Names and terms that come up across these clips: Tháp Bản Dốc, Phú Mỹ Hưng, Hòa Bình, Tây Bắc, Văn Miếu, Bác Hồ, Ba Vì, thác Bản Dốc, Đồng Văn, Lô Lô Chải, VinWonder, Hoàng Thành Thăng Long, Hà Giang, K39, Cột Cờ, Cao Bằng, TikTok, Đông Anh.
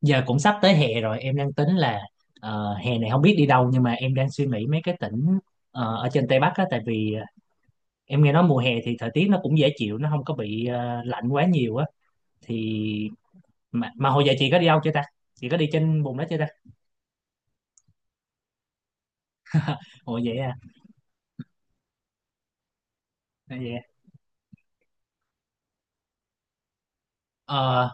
Giờ cũng sắp tới hè rồi, em đang tính là hè này không biết đi đâu, nhưng mà em đang suy nghĩ mấy cái tỉnh ở trên Tây Bắc á. Tại vì em nghe nói mùa hè thì thời tiết nó cũng dễ chịu, nó không có bị lạnh quá nhiều á. Thì mà hồi giờ chị có đi đâu chưa ta? Chị có đi trên vùng đó chưa ta? Hồi vậy à? Ồ, vậy à. Ờ,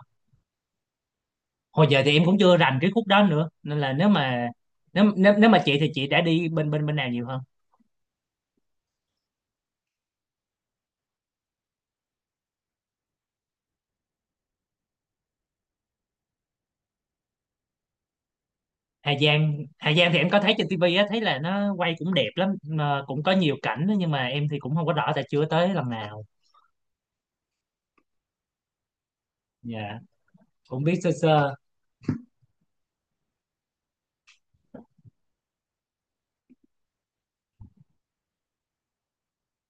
hồi giờ thì em cũng chưa rành cái khúc đó nữa, nên là nếu mà nếu nếu, nếu mà chị thì chị đã đi bên bên bên nào nhiều hơn? Hà Giang, Hà Giang thì em có thấy trên tivi á, thấy là nó quay cũng đẹp lắm mà cũng có nhiều cảnh đó, nhưng mà em thì cũng không có rõ tại chưa tới lần nào. Dạ, cũng biết sơ sơ.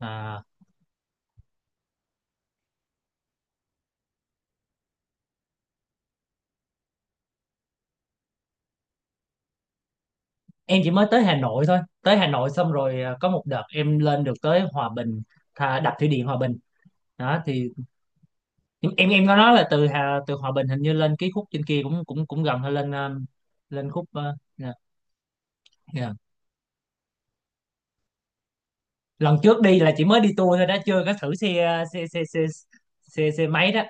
À, em chỉ mới tới Hà Nội thôi, tới Hà Nội xong rồi có một đợt em lên được tới Hòa Bình, thà đập thủy điện Hòa Bình đó. Thì em có nói là từ Hà từ Hòa Bình hình như lên cái khúc trên kia cũng cũng cũng gần, hay lên lên khúc dạ, dạ. Lần trước đi là chỉ mới đi tour thôi đó, chưa có thử xe, xe xe xe xe, xe máy đó.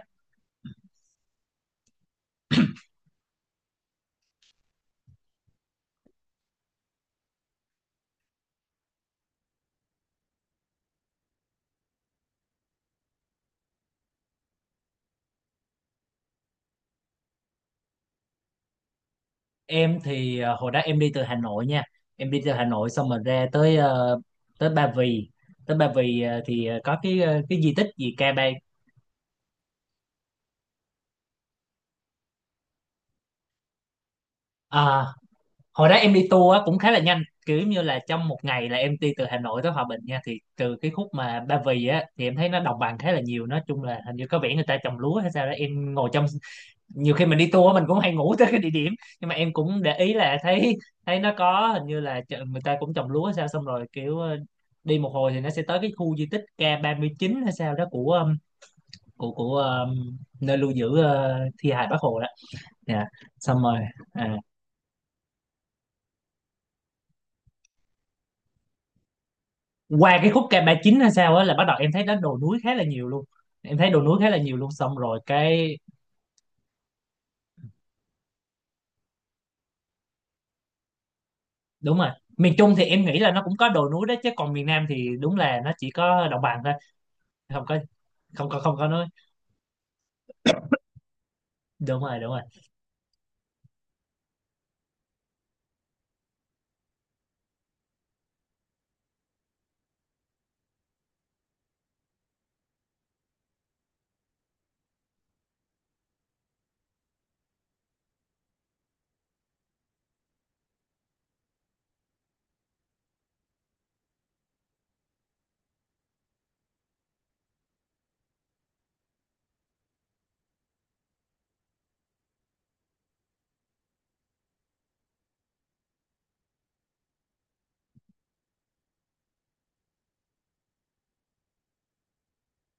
Em thì hồi đó em đi từ Hà Nội nha. Em đi từ Hà Nội xong rồi ra tới tới Ba Vì, tới Ba Vì thì có cái cái di tích gì Ca Ba. À, hồi đó em đi tour á, cũng khá là nhanh, kiểu như là trong một ngày là em đi từ Hà Nội tới Hòa Bình nha. Thì từ cái khúc mà Ba Vì á thì em thấy nó đồng bằng khá là nhiều, nói chung là hình như có vẻ người ta trồng lúa hay sao đó. Em ngồi trong, nhiều khi mình đi tour mình cũng hay ngủ tới cái địa điểm, nhưng mà em cũng để ý là thấy, thấy nó có hình như là người ta cũng trồng lúa hay sao. Xong rồi kiểu đi một hồi thì nó sẽ tới cái khu di tích K39 hay sao đó của của nơi lưu giữ thi hài Bác Hồ đó. Dạ. Xong rồi à. Qua cái khúc K39 hay sao á là bắt đầu em thấy nó đồi núi khá là nhiều luôn. Em thấy đồi núi khá là nhiều luôn. Xong rồi cái, đúng rồi. Miền Trung thì em nghĩ là nó cũng có đồi núi đó chứ, còn miền Nam thì đúng là nó chỉ có đồng bằng thôi. Không có, không có, không có nói. Đúng rồi, đúng rồi.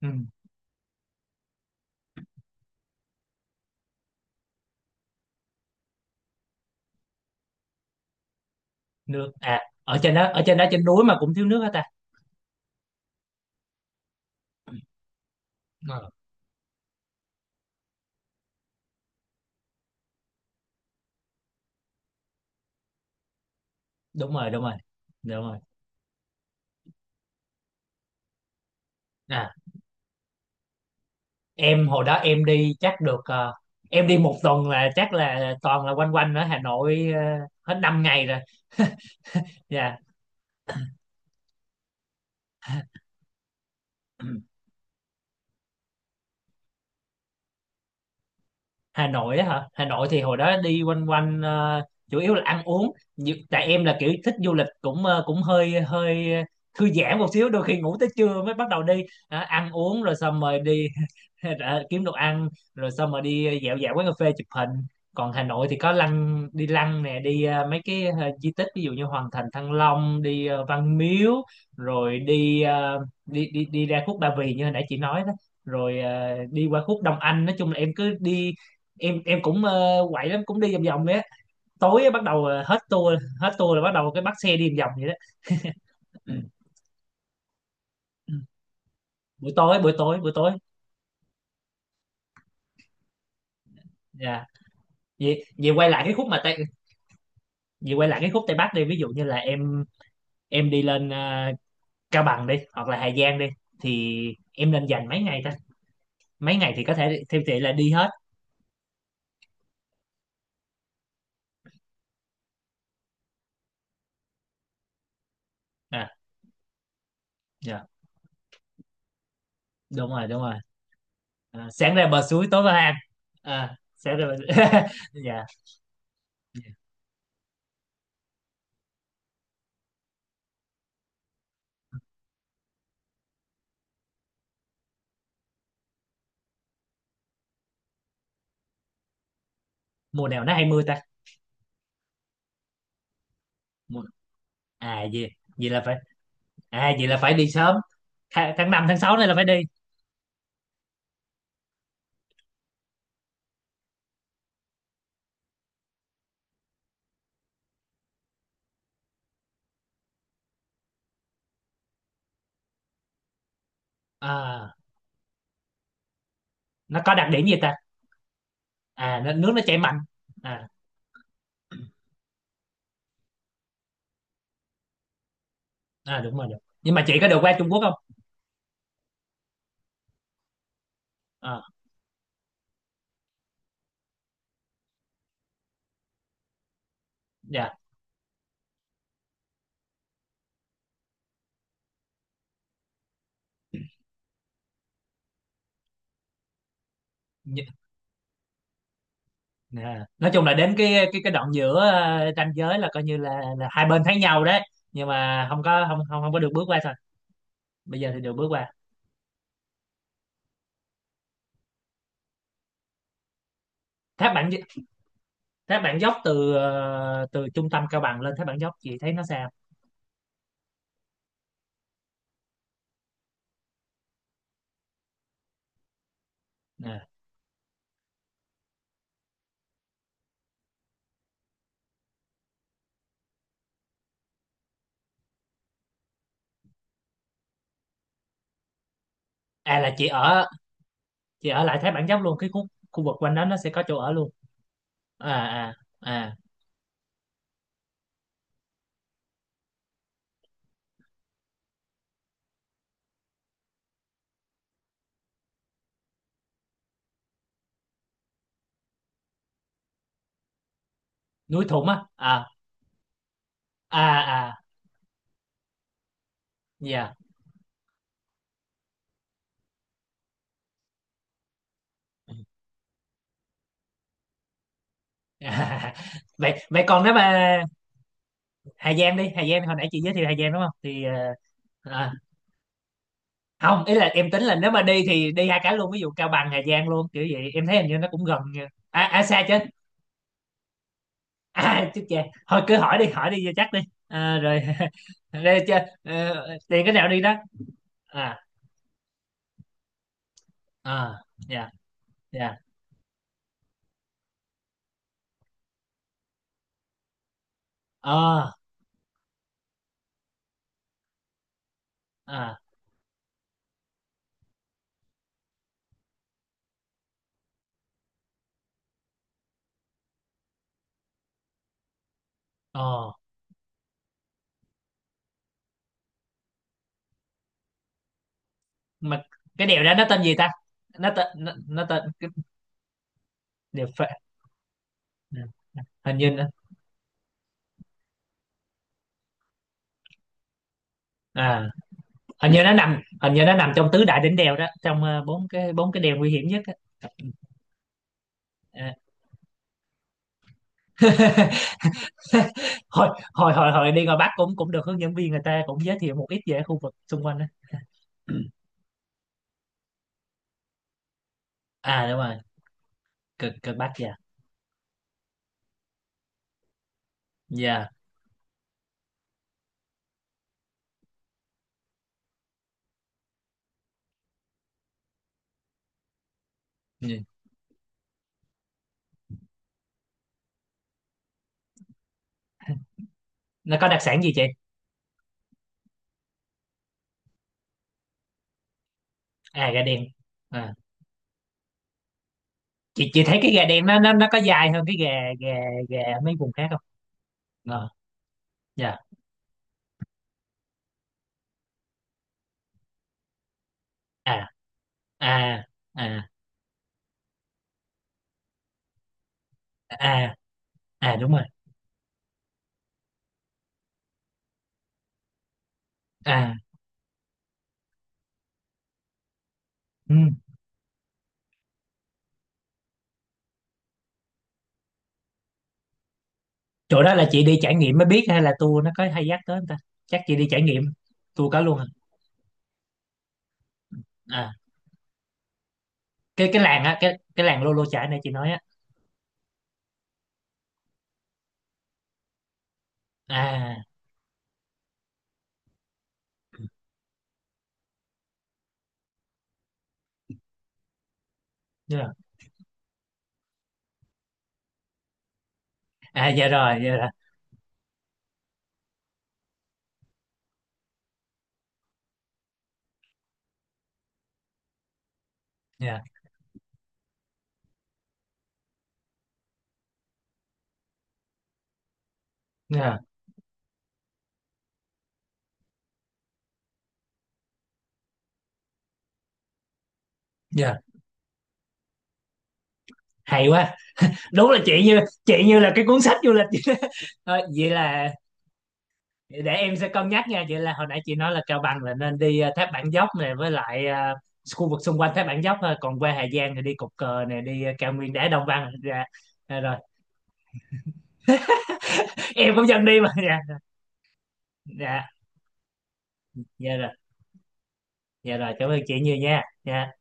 Ừ. Nước à? Ở trên đó, ở trên đó, trên núi mà cũng thiếu nước hả ta? Ờ, đúng rồi, đúng rồi, đúng rồi. À, em hồi đó em đi chắc được em đi một tuần là chắc là toàn là quanh quanh ở Hà Nội, hết 5 ngày rồi. Dạ. Hà Nội á hả? Hà Nội thì hồi đó đi quanh quanh, chủ yếu là ăn uống. Tại em là kiểu thích du lịch cũng cũng hơi hơi thư giãn một xíu, đôi khi ngủ tới trưa mới bắt đầu đi. Đó, ăn uống rồi xong rồi đi. Ra kiếm đồ ăn rồi xong rồi đi dạo dạo quán cà phê chụp hình. Còn Hà Nội thì có lăng, đi lăng nè, đi mấy cái di tích, ví dụ như Hoàng Thành Thăng Long, đi Văn Miếu, rồi đi, đi đi đi ra khúc Ba Vì như hồi nãy chị nói đó, rồi đi qua khúc Đông Anh. Nói chung là em cứ đi, em cũng quậy lắm, cũng đi vòng vòng đấy á. Tối á, bắt đầu hết tour, hết tour là bắt đầu cái bắt xe đi vòng vòng vậy đó. Ừ. Buổi tối, buổi tối, buổi tối. Dạ. Vậy vậy quay lại cái khúc mà Tây, vậy quay lại cái khúc Tây Bắc đi. Ví dụ như là em đi lên Cao Bằng đi hoặc là Hà Giang đi, thì em nên dành mấy ngày ta? Mấy ngày thì có thể theo chị là đi hết. À, dạ, đúng rồi, đúng rồi. À, sáng ra bờ suối tối vào hang. À, sáng ra bờ suối. Dạ. Mùa nào nó hay mưa ta? Mùa... À gì? Vậy là phải, vậy là phải đi sớm. Tháng 5 tháng 6 này là phải đi. À, nó có đặc điểm gì ta? À nó, nước nó chảy mạnh. À, à đúng rồi, đúng. Nhưng mà chị có được qua Trung Quốc không? À, dạ. Nè, nói chung là đến cái cái đoạn giữa ranh giới là coi như là hai bên thấy nhau đấy, nhưng mà không có, không không không có được bước qua thôi. Bây giờ thì được bước qua. Thác Bản, thác Bản Dốc từ từ trung tâm Cao Bằng lên thác Bản Dốc chị thấy nó sao? À, à là chị ở, chị ở lại thác Bản Dốc luôn, cái khu, khu vực quanh đó nó sẽ có chỗ ở luôn? À. À. À. Núi Thủng á à? À. À. Dạ. Vậy vậy còn nếu mà Hà Giang, đi Hà Giang, hồi nãy chị giới thiệu Hà Giang đúng không? Thì ờ, không, ý là em tính là nếu mà đi thì đi hai cái luôn, ví dụ Cao Bằng Hà Giang luôn kiểu vậy. Em thấy hình như nó cũng gần nha. À, à xa chứ. À chứ chà. Thôi cứ hỏi đi, hỏi đi cho chắc đi. À, rồi. Đây chứ. Tiền cái nào đi đó. À. À. Dạ. Dạ. Ờ. À. Ờ. Mà cái đèo đó nó tên gì ta? Nó tên cái đèo phệ, hình như nó, à hình như nó nằm, hình như nó nằm trong tứ đại đỉnh đèo đó, trong bốn cái, bốn cái đèo nguy hiểm nhất á. À. hồi hồi hồi hồi đi ngoài Bắc cũng cũng được hướng dẫn viên người ta cũng giới thiệu một ít về khu vực xung quanh đó. À đúng rồi. Cực Cực Bắc. Dạ. Dạ. Ừ. Nó có đặc sản gì chị? À gà đen. À. Chị thấy cái gà đen nó nó có dài hơn cái gà, gà gà mấy vùng khác không? Ờ, dạ. À. À. À. À. À đúng rồi. À. Ừ. Chỗ đó là chị đi trải nghiệm mới biết hay là tour nó có hay dắt tới không ta? Chắc chị đi trải nghiệm. Tour cả luôn à? À. Cái làng á cái làng Lô Lô Chải này chị nói á. À. Dạ. À dạ rồi, dạ rồi. Dạ. Dạ. Dạ. Hay quá. Đúng là chị như, chị như là cái cuốn sách du lịch vậy đó. Thôi, vậy là để em sẽ cân nhắc nha. Vậy là hồi nãy chị nói là Cao Bằng là nên đi Tháp Bản Dốc này với lại khu vực xung quanh Tháp Bản Dốc thôi, còn qua Hà Giang thì đi Cột Cờ này, đi cao nguyên đá Đồng Văn. Dạ. Dạ rồi. Em cũng dần đi mà. Dạ. Dạ. Dạ rồi. Dạ rồi, cảm ơn chị nhiều nha. Dạ.